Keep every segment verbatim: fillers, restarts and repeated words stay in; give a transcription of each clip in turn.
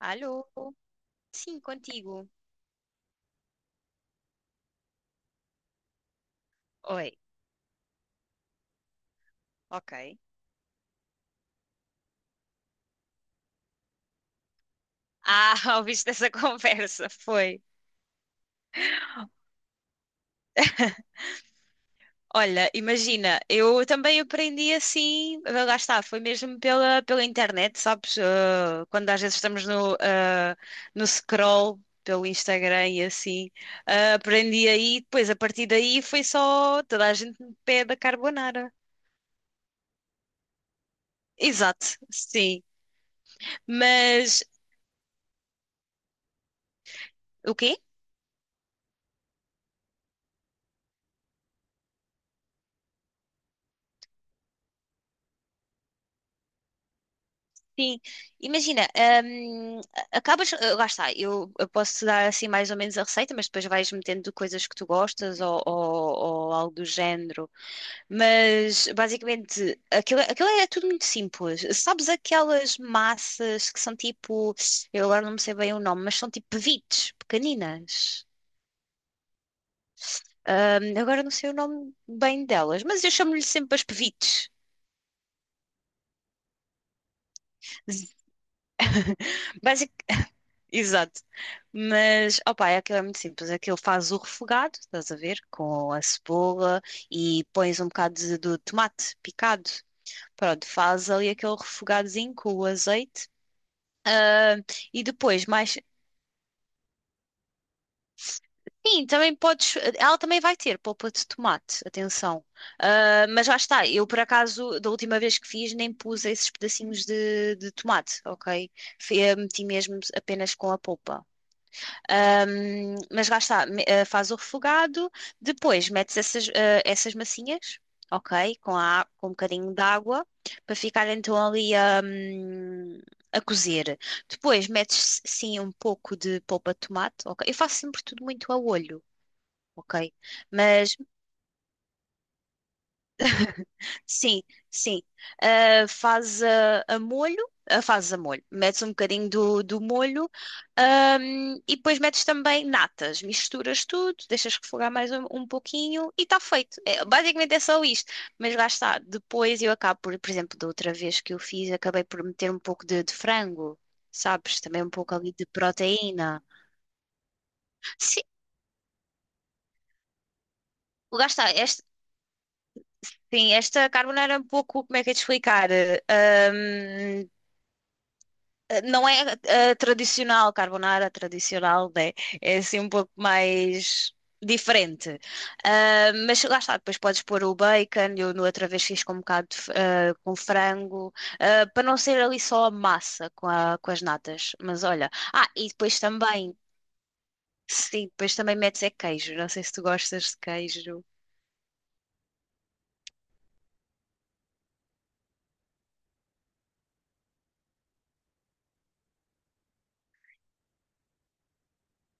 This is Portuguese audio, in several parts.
Alô? Sim, contigo. Oi, ok. Ah, ouviste essa conversa? Foi. Olha, imagina, eu também aprendi assim, ah, lá está, foi mesmo pela, pela internet, sabes? Ah, quando às vezes estamos no, ah, no scroll pelo Instagram e assim, ah, aprendi aí, depois a partir daí foi só toda a gente me pede a carbonara. Exato, sim. Mas o quê? Sim, imagina, hum, a- acabas, eh, lá está, eu, eu posso dar assim mais ou menos a receita, mas depois vais metendo coisas que tu gostas ou, ou- ou algo do género. Mas basicamente aquilo, aquilo é tudo muito simples. Sabes aquelas massas que são tipo, eu agora não me sei bem o nome, mas são tipo pevites pequeninas. Hum, agora não sei o nome bem delas, mas eu chamo-lhe sempre as pevites. Exato. Mas, opá, é aquilo é muito simples. Aquilo faz o refogado, estás a ver? Com a cebola e pões um bocado de, do tomate picado. Pronto, faz ali aquele refogadozinho com o azeite. Ah, e depois, mais. Sim, também podes. Ela também vai ter polpa de tomate, atenção. Ah, mas já está, eu por acaso, da última vez que fiz, nem pus esses pedacinhos de, de tomate, ok? Fe- Meti mesmo apenas com a polpa. Ahm, mas lá está, me- eh, faz o refogado, depois metes essas, eh, essas massinhas, ok? Com, a, á- com um bocadinho de água, para ficar então ali a, hum, a cozer. Depois metes sim um pouco de polpa de tomate, ok? Eu faço sempre tudo muito a olho, ok? Mas sim, sim. Ah, faz ah, a, molho, ah, fazes a molho, metes um bocadinho do, do molho, ahm, e depois metes também natas, misturas tudo, deixas refogar mais um, um pouquinho e está feito. É, basicamente é só isto. Mas lá está, depois eu acabo por, por exemplo, da outra vez que eu fiz, acabei por meter um pouco de, de frango, sabes? Também um pouco ali de proteína. Sim, lá está, este- sim, esta carbonara é um pouco, como é que é de explicar? eh, Não é eh, tradicional, carbonara tradicional, né? É assim um pouco mais diferente. Ah, mas lá está, depois podes pôr o bacon, eu no outra vez fiz com um bocado de, f- ah, com frango, ah, para não ser ali só a massa com, a- com as natas. Mas olha, ah, e depois também, sim, depois também metes é queijo, não sei se tu gostas de queijo.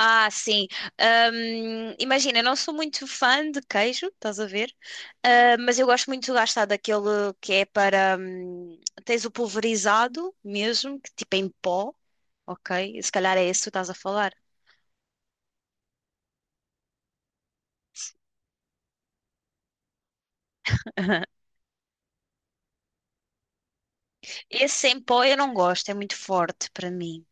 Ah, sim. Ahm, imagina, eu não sou muito fã de queijo, estás a ver? Ah, mas eu gosto muito de gastar daquele que é para. Hum, tens o pulverizado mesmo, que tipo é em pó, ok? Se calhar é esse que tu estás a falar. Esse em pó eu não gosto, é muito forte para mim.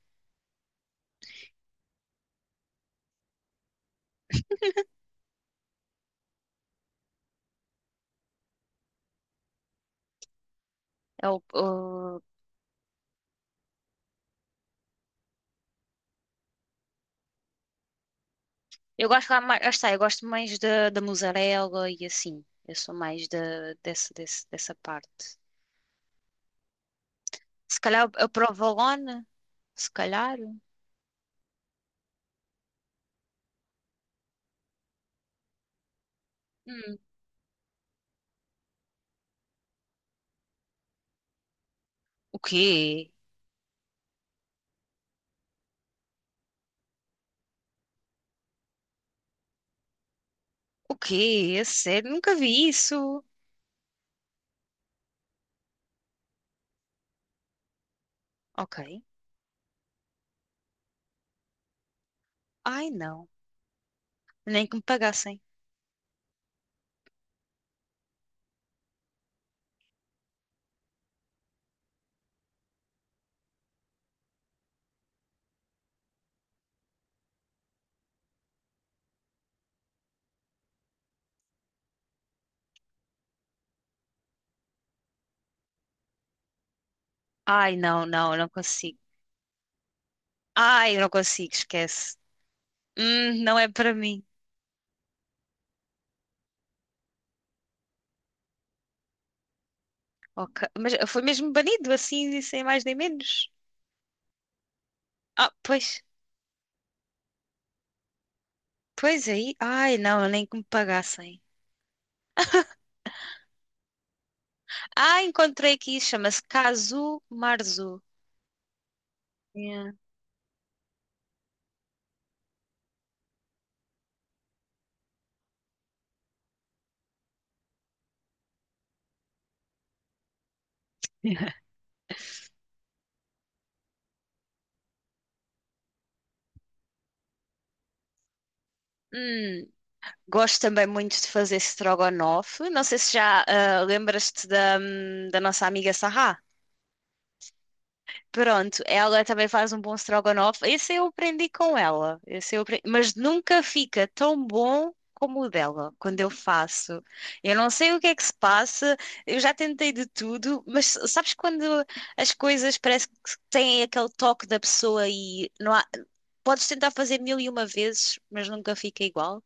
É o- o- eu gosto lá mais, lá está, eu gosto mais da da mussarela e assim. Eu sou mais da desse, desse- dessa parte. Se calhar a provolone, se calhar. O quê? O quê? A sério? Nunca vi isso. Ok. Ai, não. Nem que me pagassem. Ai, não, não, não consigo. Ai, eu não consigo, esquece. Hum, não é para mim. Ok. Mas foi mesmo banido assim, e sem mais nem menos. Ah, pois. Pois aí. Ai, não, nem que me pagassem. Ah, encontrei aqui. Chama-se Kazu Marzu. Yeah. Hum, gosto também muito de fazer strogonoff. Não sei se já ah, lembras-te da, hum, da nossa amiga Sarah. Pronto, ela também faz um bom strogonoff. Esse eu aprendi com ela. Esse eu apre- Mas nunca fica tão bom como o dela, quando eu faço. Eu não sei o que é que se passa, eu já tentei de tudo, mas sabes quando as coisas parece que têm aquele toque da pessoa e não há... Podes tentar fazer mil e uma vezes, mas nunca fica igual.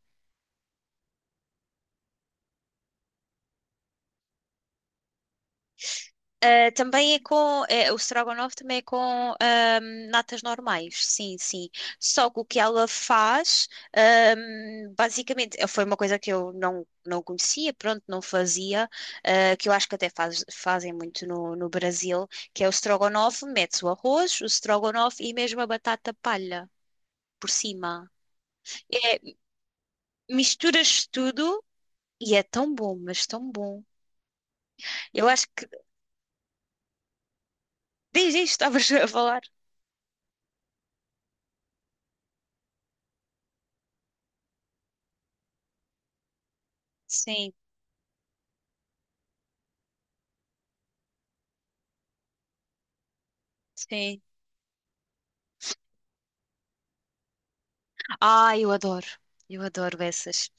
Ah, também é com, é, o strogonoff também é com ahm, natas normais, sim, sim. Só que o que ela faz, ahm, basicamente, eh, foi uma coisa que eu não, não conhecia, pronto, não fazia, ah, que eu acho que até faz- fazem muito no, no Brasil, que é o strogonoff, metes o arroz, o strogonoff e mesmo a batata palha por cima. É, misturas tudo e é tão bom, mas tão bom. Eu acho que desde isto estavas a falar. Sim, sim. Ah, eu adoro. Eu adoro essas.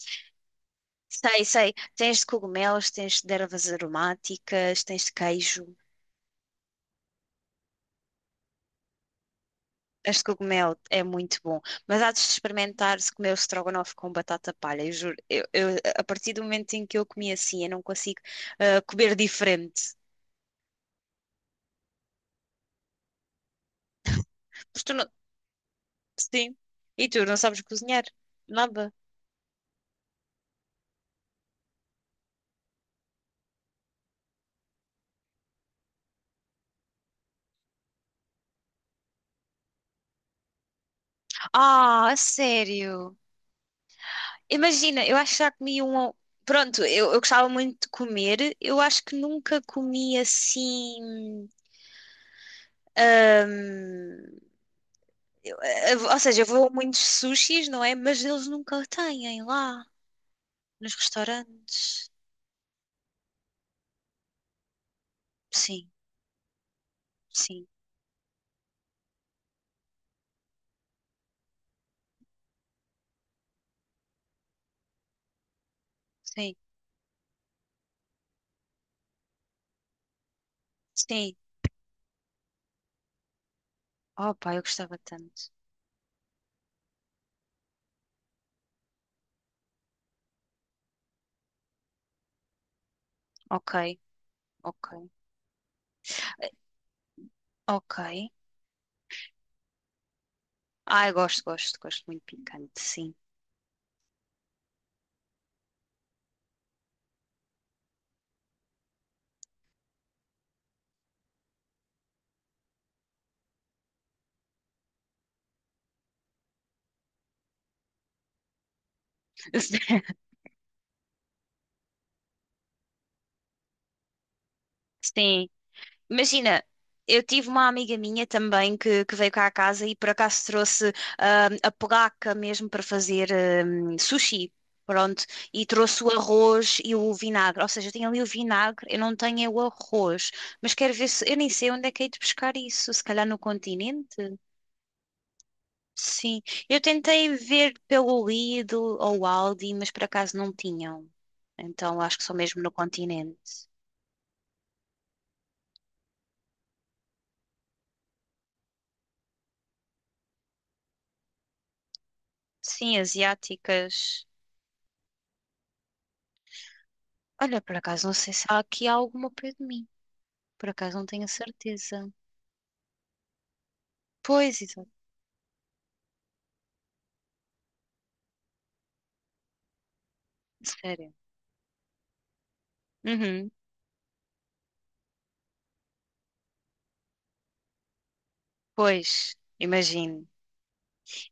Sei, sei. Tens de cogumelos, tens de ervas aromáticas, tens de queijo. Este cogumelo é muito bom. Mas há de experimentar se comer o estrogonofe com batata palha. Eu juro, eu, eu- a partir do momento em que eu comi assim, eu não consigo ah, comer diferente. Porque tu não... Sim. E tu não sabes cozinhar? Nada. Ah, a sério? Imagina, eu acho que já comi um. Ou- pronto, eu, eu gostava muito de comer. Eu acho que nunca comi assim. Hum, eu- eh, ou seja, eu vou a muitos sushis, não é? Mas eles nunca têm lá nos restaurantes. Sim, sim, sim, sim. Oh, pá, eu gostava tanto. Ok, ok, ok. Ai, gosto, gosto, gosto muito picante, sim. Sim. Imagina, eu tive uma amiga minha também que, que veio cá à casa e por acaso trouxe ah, a placa mesmo para fazer ah, sushi. Pronto, e trouxe o arroz e o vinagre. Ou seja, eu tenho ali o vinagre, eu não tenho é o arroz. Mas quero ver se. Eu nem sei onde é que hei de buscar isso. Se calhar no continente? Sim. Eu tentei ver pelo Lidl ou Aldi, mas por acaso não tinham. Então acho que só mesmo no continente. Sim, asiáticas. Olha, por acaso não sei se há aqui alguma ao pé de mim. Por acaso não tenho a certeza. Pois, exato. Sério. Uhum. Pois, imagino.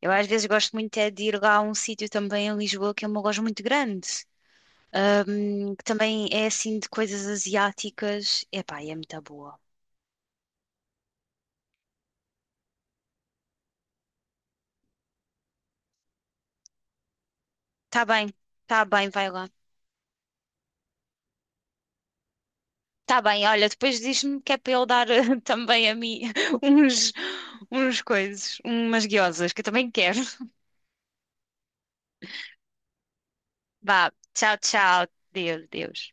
Eu às vezes gosto muito é de ir lá a um sítio também em Lisboa que é uma loja muito grande. Ahm, que também é assim de coisas asiáticas. Epá, e é muito boa. Tá bem, tá bem, vai lá. Tá bem, olha, depois diz-me que é para eu dar eh, também a mim uns, uns coisas, umas guiosas, que eu também quero. Vá, tchau, tchau. Deus, Deus.